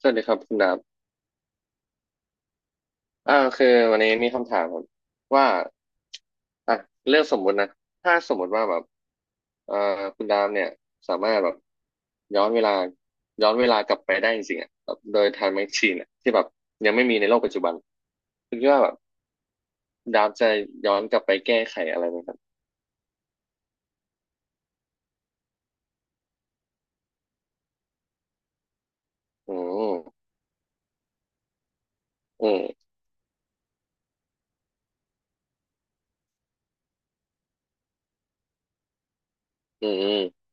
สวัสดีครับคุณดาบคือวันนี้มีคำถามครับว่าอ่ะเรื่องสมมุตินะถ้าสมมุติว่าแบบเอ่อคุณดาบเนี่ยสามารถแบบย้อนเวลาย้อนเวลากลับไปได้จริงๆอ่ะแบบโดยไทม์แมชชีนอ่ะที่แบบยังไม่มีในโลกปัจจุบัน คุณคิดว่าแบบคุณดาบจะย้อนกลับไปแก้ไขอะไรไหมครับอืมอืมอืม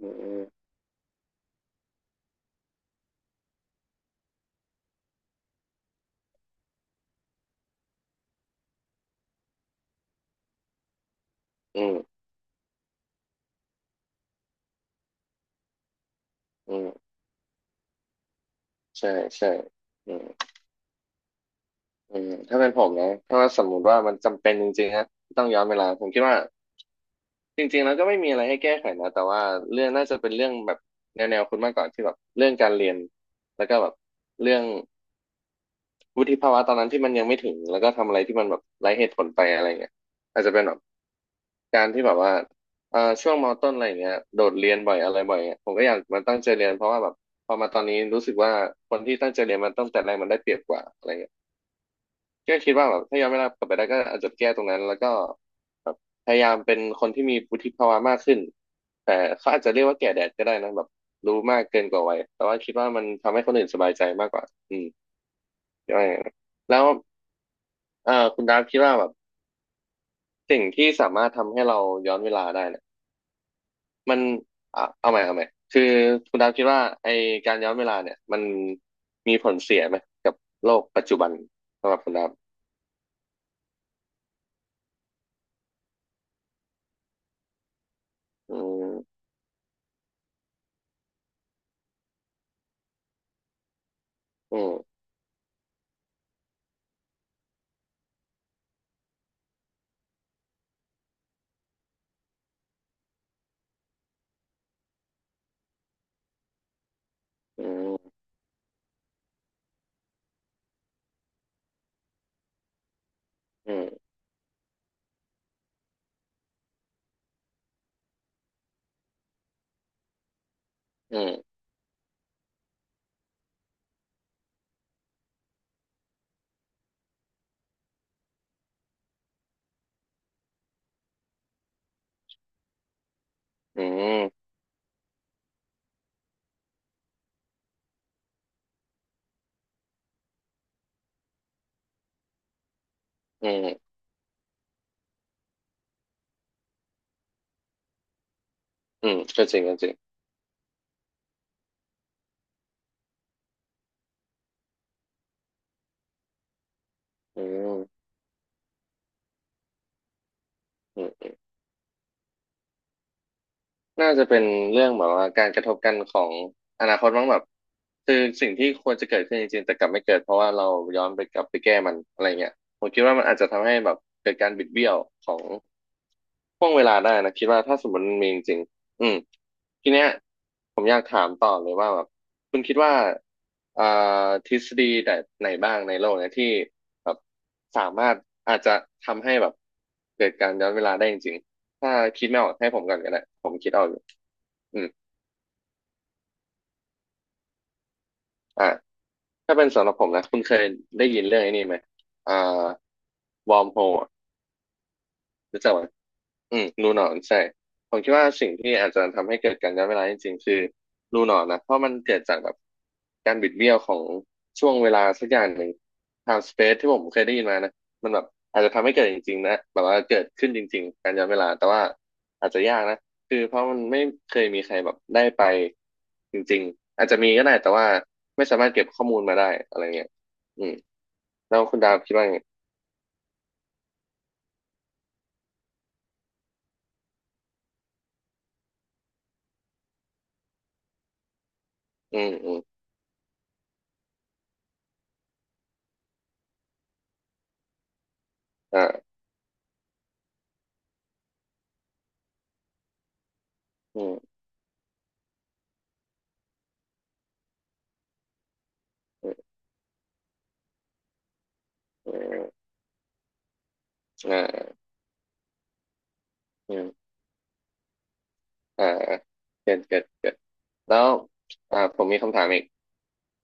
อืมอืมอืมอืมใช่ใช่อืมอืมถ้าเป็นผมนะถ้าว่าสมมุติว่ามันจำเป็นจริงๆนะที่ต้องย้อนเวลาผมคิดว่า จริงๆแล้วก็ไม่มีอะไรให้แก้ไขนะแต่ว่าเรื่องน่าจะเป็นเรื่องแบบแนวๆคุณมากกว่าที่แบบเรื่องการเรียนแล้วก็แบบเรื่องวุฒิภาวะตอนนั้นที่มันยังไม่ถึงแล้วก็ทำอะไรที่มันแบบไร้เหตุผลไปอะไรเงี้ยอาจจะเป็นแบบการที่แบบว่าช่วงมต้นอะไรเงี้ยโดดเรียนบ่อยอะไรบ่อยเงี้ยผมก็อยากมาตั้งใจเรียนเพราะว่าแบบพอมาตอนนี้รู้สึกว่าคนที่ตั้งใจเรียนมันตั้งแต่แรกมันได้เปรียบกว่าอะไรเงี้ย ก็คิดว่าแบบถ้าย้อนเวลากลับไปได้ก็อาจจะแก้ตรงนั้นแล้วก็แบบพยายามเป็นคนที่มีวุฒิภาวะมากขึ้นแต่เขาอาจจะเรียกว่าแก่แดดก็ได้นะแบบรู้มากเกินกว่าวัยแต่ว่าคิดว่ามันทำให้คนอื่นสบายใจมากกว่าอืมก็อย่างนั้นแล้วคุณดาฟคิดว่าแบบสิ่งที่สามารถทำให้เราย้อนเวลาได้เนี่ยมันอ่ะเอาใหม่เอาใหม่คือคุณดาฟคิดว่าไอการย้อนเวลาเนี่ยมันมีผลเสียไหมกับโลกปัจจุบันสำหรับคุณดาฟอืมอืมอืมอืมอืม อืมอืม อืมก็จริงก็จริง อืมอืมน่าจะเป็นเรื่องแบบว่าการกระทบกันของอนาคตมั้งแบบ คือสิ่งที่ควรจะเกิดขึ้นจริงๆแต่กลับไม่เกิดเพราะว่าเราย้อนไปกลับไปแก้มันอะไรเงี้ย ผมคิดว่ามันอาจจะทำให้แบบเกิดการบิดเบี้ยวของ ห่วงเวลาได้นะคิดว่าถ้าสมมติมันมีจริงๆอืมทีเนี้ยผมอยากถามต่อเลยว่าแบบคุณคิดว่าอ่าทฤษฎีแบบไหนบ้างในโลกเนี่ยที่แบบสามารถอาจจะทำให้แบบเกิดการย้อนเวลาได้จริงๆถ้าคิดไม่ออกให้ผมก่อนก็ได้ผมคิดเอาอยู่อืมอ่าถ้าเป็นสำหรับผมนะคุณเคยได้ยินเรื่องไอ้นี้ไหมอ่าวอร์มโฮลรู้จักไหม อืมรูหนอนใช่ผมคิดว่าสิ่งที่อาจจะทำให้เกิดการย้อนเวลาจริงๆคือรูหนอนนะเพราะมันเกิดจากแบบการบิดเบี้ยวของช่วงเวลาสักอย่างหนึ่ง time space ที่ผมเคยได้ยินมานะมันแบบอาจจะทำให้เกิดจริงๆนะแบบว่าเกิดขึ้นจริงๆการย้อนเวลาแต่ว่าอาจจะยากนะคือเพราะมันไม่เคยมีใครแบบได้ไปจริงๆอาจจะมีก็ได้แต่ว่าไม่สามารถเก็บข้อมูลมาได้อะไรเงี้ยอืมแล้วคุณดาวคิดว่าไงอืมอืมอ่าอืมอืมอืมอ่า อ่าเกิดเกิดแล้วผมมีคำถามอีก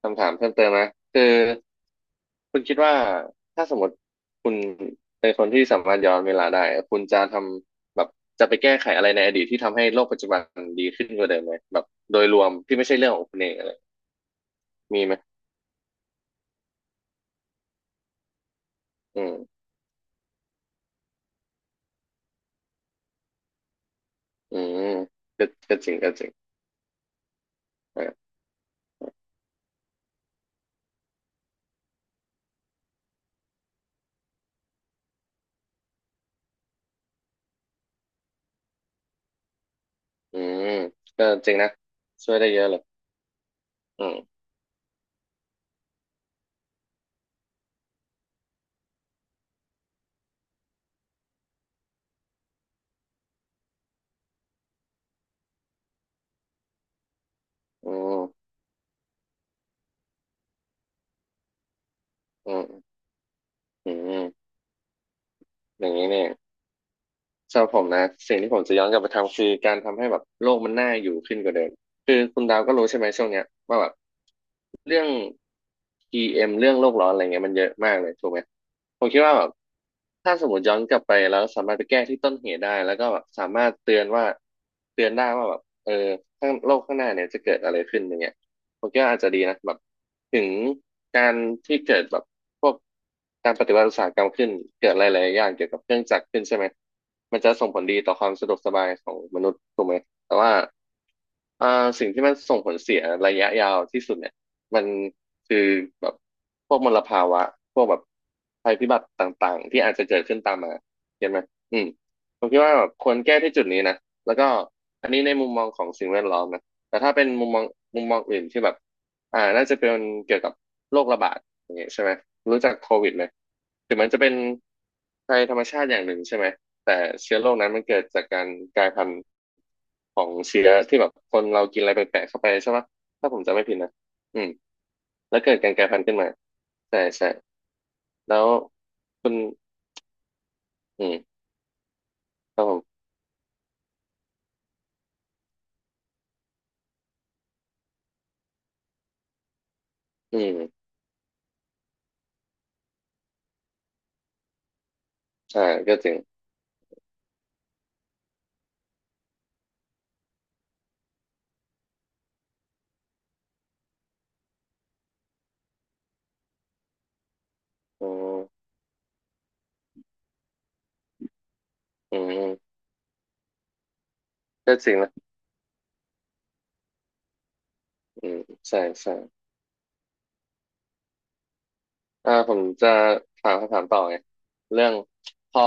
คำถามเพิ่มเติมนะคือคุณคิดว่าถ้าสมมติคุณเป็นคนที่สามารถย้อนเวลาได้คุณจะทำแบบจะไปแก้ไขอะไรในอดีตที่ทำให้โลกปัจจุบันดีขึ้นกว่าเดิมไหมแบบโดยรวมที่ไม่ใช่เรื่องของคุณเองอะไรมีไหมอืมอืมก็ก็จริงก็จริงอ่าอืมก็จริงนะช่วยได้เยอะเลยอืมอืมอืมอืมอย่างนี้เนี่ย สำหรับผมนะสิ่งที่ผมจะย้อนกลับไปทำคือการทำให้แบบโลกมันน่าอยู่ขึ้นกว่าเดิมคือคุณดาวก็รู้ใช่ไหมช่วงเนี้ยว่าแบบ เรื่อง PM เอ็มเรื่องโลกร้อนอะไรเงี้ยมันเยอะมากเลยถูกไหมผมคิดว่าแบบถ้าสมมติย้อนกลับไปแล้วสามารถไปแก้ที่ต้นเหตุได้แล้วก็แบบสามารถเตือนว่าเตือนได้ว่าแบบเออข้างโลกข้างหน้าเนี่ยจะเกิดอะไรขึ้นอย่างเงี้ยผมคิดว่าอาจจะดีนะแบบถึงการที่เกิดแบบพวกการปฏิวัติอุตสาหกรรมขึ้นเกิดหลายๆอย่างเกี่ยวกับเครื่องจักรขึ้นใช่ไหมมันจะส่งผลดีต่อความสะดวกสบายของมนุษย์ถูกไหมแต่ว่าอ่าสิ่งที่มันส่งผลเสียระยะยาวที่สุดเนี่ย มันคือแบบพวกมลภาวะพวกแบบภัยพิบัติต่างๆที่อาจจะเกิดขึ้นตามมาเห็นไหมอืมผมคิดว่าแบบควรแก้ที่จุดนี้นะแล้วก็อันนี้ในมุมมองของสิ่งแวดล้อมนะแต่ถ้าเป็นมุมมองอื่นที่แบบน่าจะเป็นเกี่ยวกับโรคระบาดอย่างเงี้ยใช่ไหมรู้จักโควิดไหมถึงมันจะเป็นภัยธรรมชาติอย่างหนึ่งใช่ไหมแต่เชื้อโรคนั้นมันเกิดจากการกลายพันธุ์ของเชื้อที่แบบคนเรากินอะไรแปลกๆเข้าไปใช่ไหมถ้าผมจำไม่ผิดนะอืม แล้วเกิดการกลายพันธุ์ขึ้นมาใช่ใช่แล้วคุณอืมครับผมอืมใช่ก็จริงอืมอืมก็จริงนะอืมใช่ใช่ผมจะถามคำถามต่อไงเรื่องพอ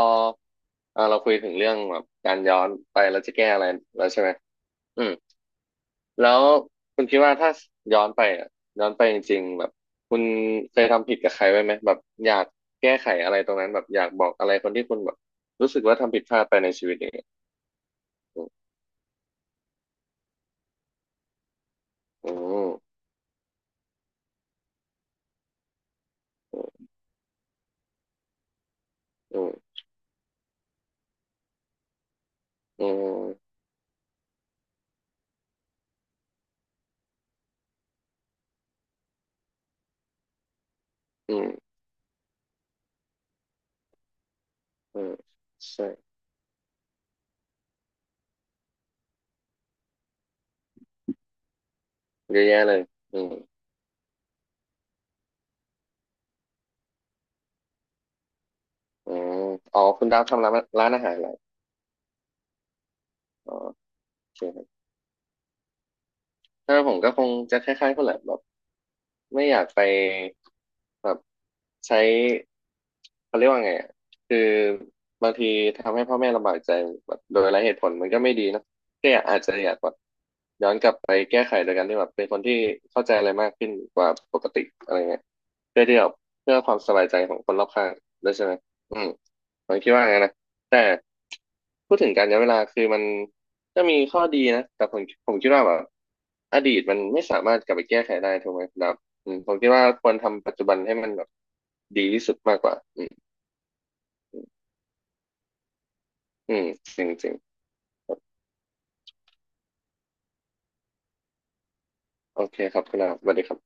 เราคุยถึงเรื่องแบบการย้อนไปเราจะแก้อะไรแล้วใช่ไหมอืมแล้วคุณคิดว่าถ้าย้อนไปอ่ะย้อนไปจริงๆแบบคุณเคยทำผิดกับใครไว้ไหมแบบอยากแก้ไขอะไรตรงนั้นแบบอยากบอกอะไรคนที่คุณแบบรู้สึกว่าทำผิดพลาดไปในชีวิต อืมอืมอืมอืมอืมอืมใช่เยอะแยะเลยอืมอืมอ๋อคุณดาวทำร้านร้านอาหารอะไรอ๋อโอเคครับถ้าผมก็คงจะคล้ายๆคนแหละแบบ ไม่อยากไปแบบใช้เขาเรียกว่าไงอะคือบางทีทำให้พ่อแม่ลำบากใจแบบโดยไร้เหตุผลมันก็ไม่ดีเนอะก็อยากอาจจะอยากแบบย้อนกลับไปแก้ไขโดยการที่แบบเป็นคนที่เข้าใจอะไรมากขึ้นกว่าปกติอะไรเงี้ยเพื่อที่แบบเพื่อความสบายใจของคนรอบข้างด้วยใช่ไหมอืมผมคิดว่าไงนนะแต่ พูดถึงการย้อนเวลาคือมันมีข้อดีนะแต่ผมคิดว่าแบบอดีตมันไม่สามารถกลับไปแก้ไขได้ถูกไหมครับอืมผมคิดว่าควรทำปัจจุบันให้มันแบบดีที่สุดมากกว่าอืมอืมจริงจริงโอเคครับคุณลาบสวัสดีครับ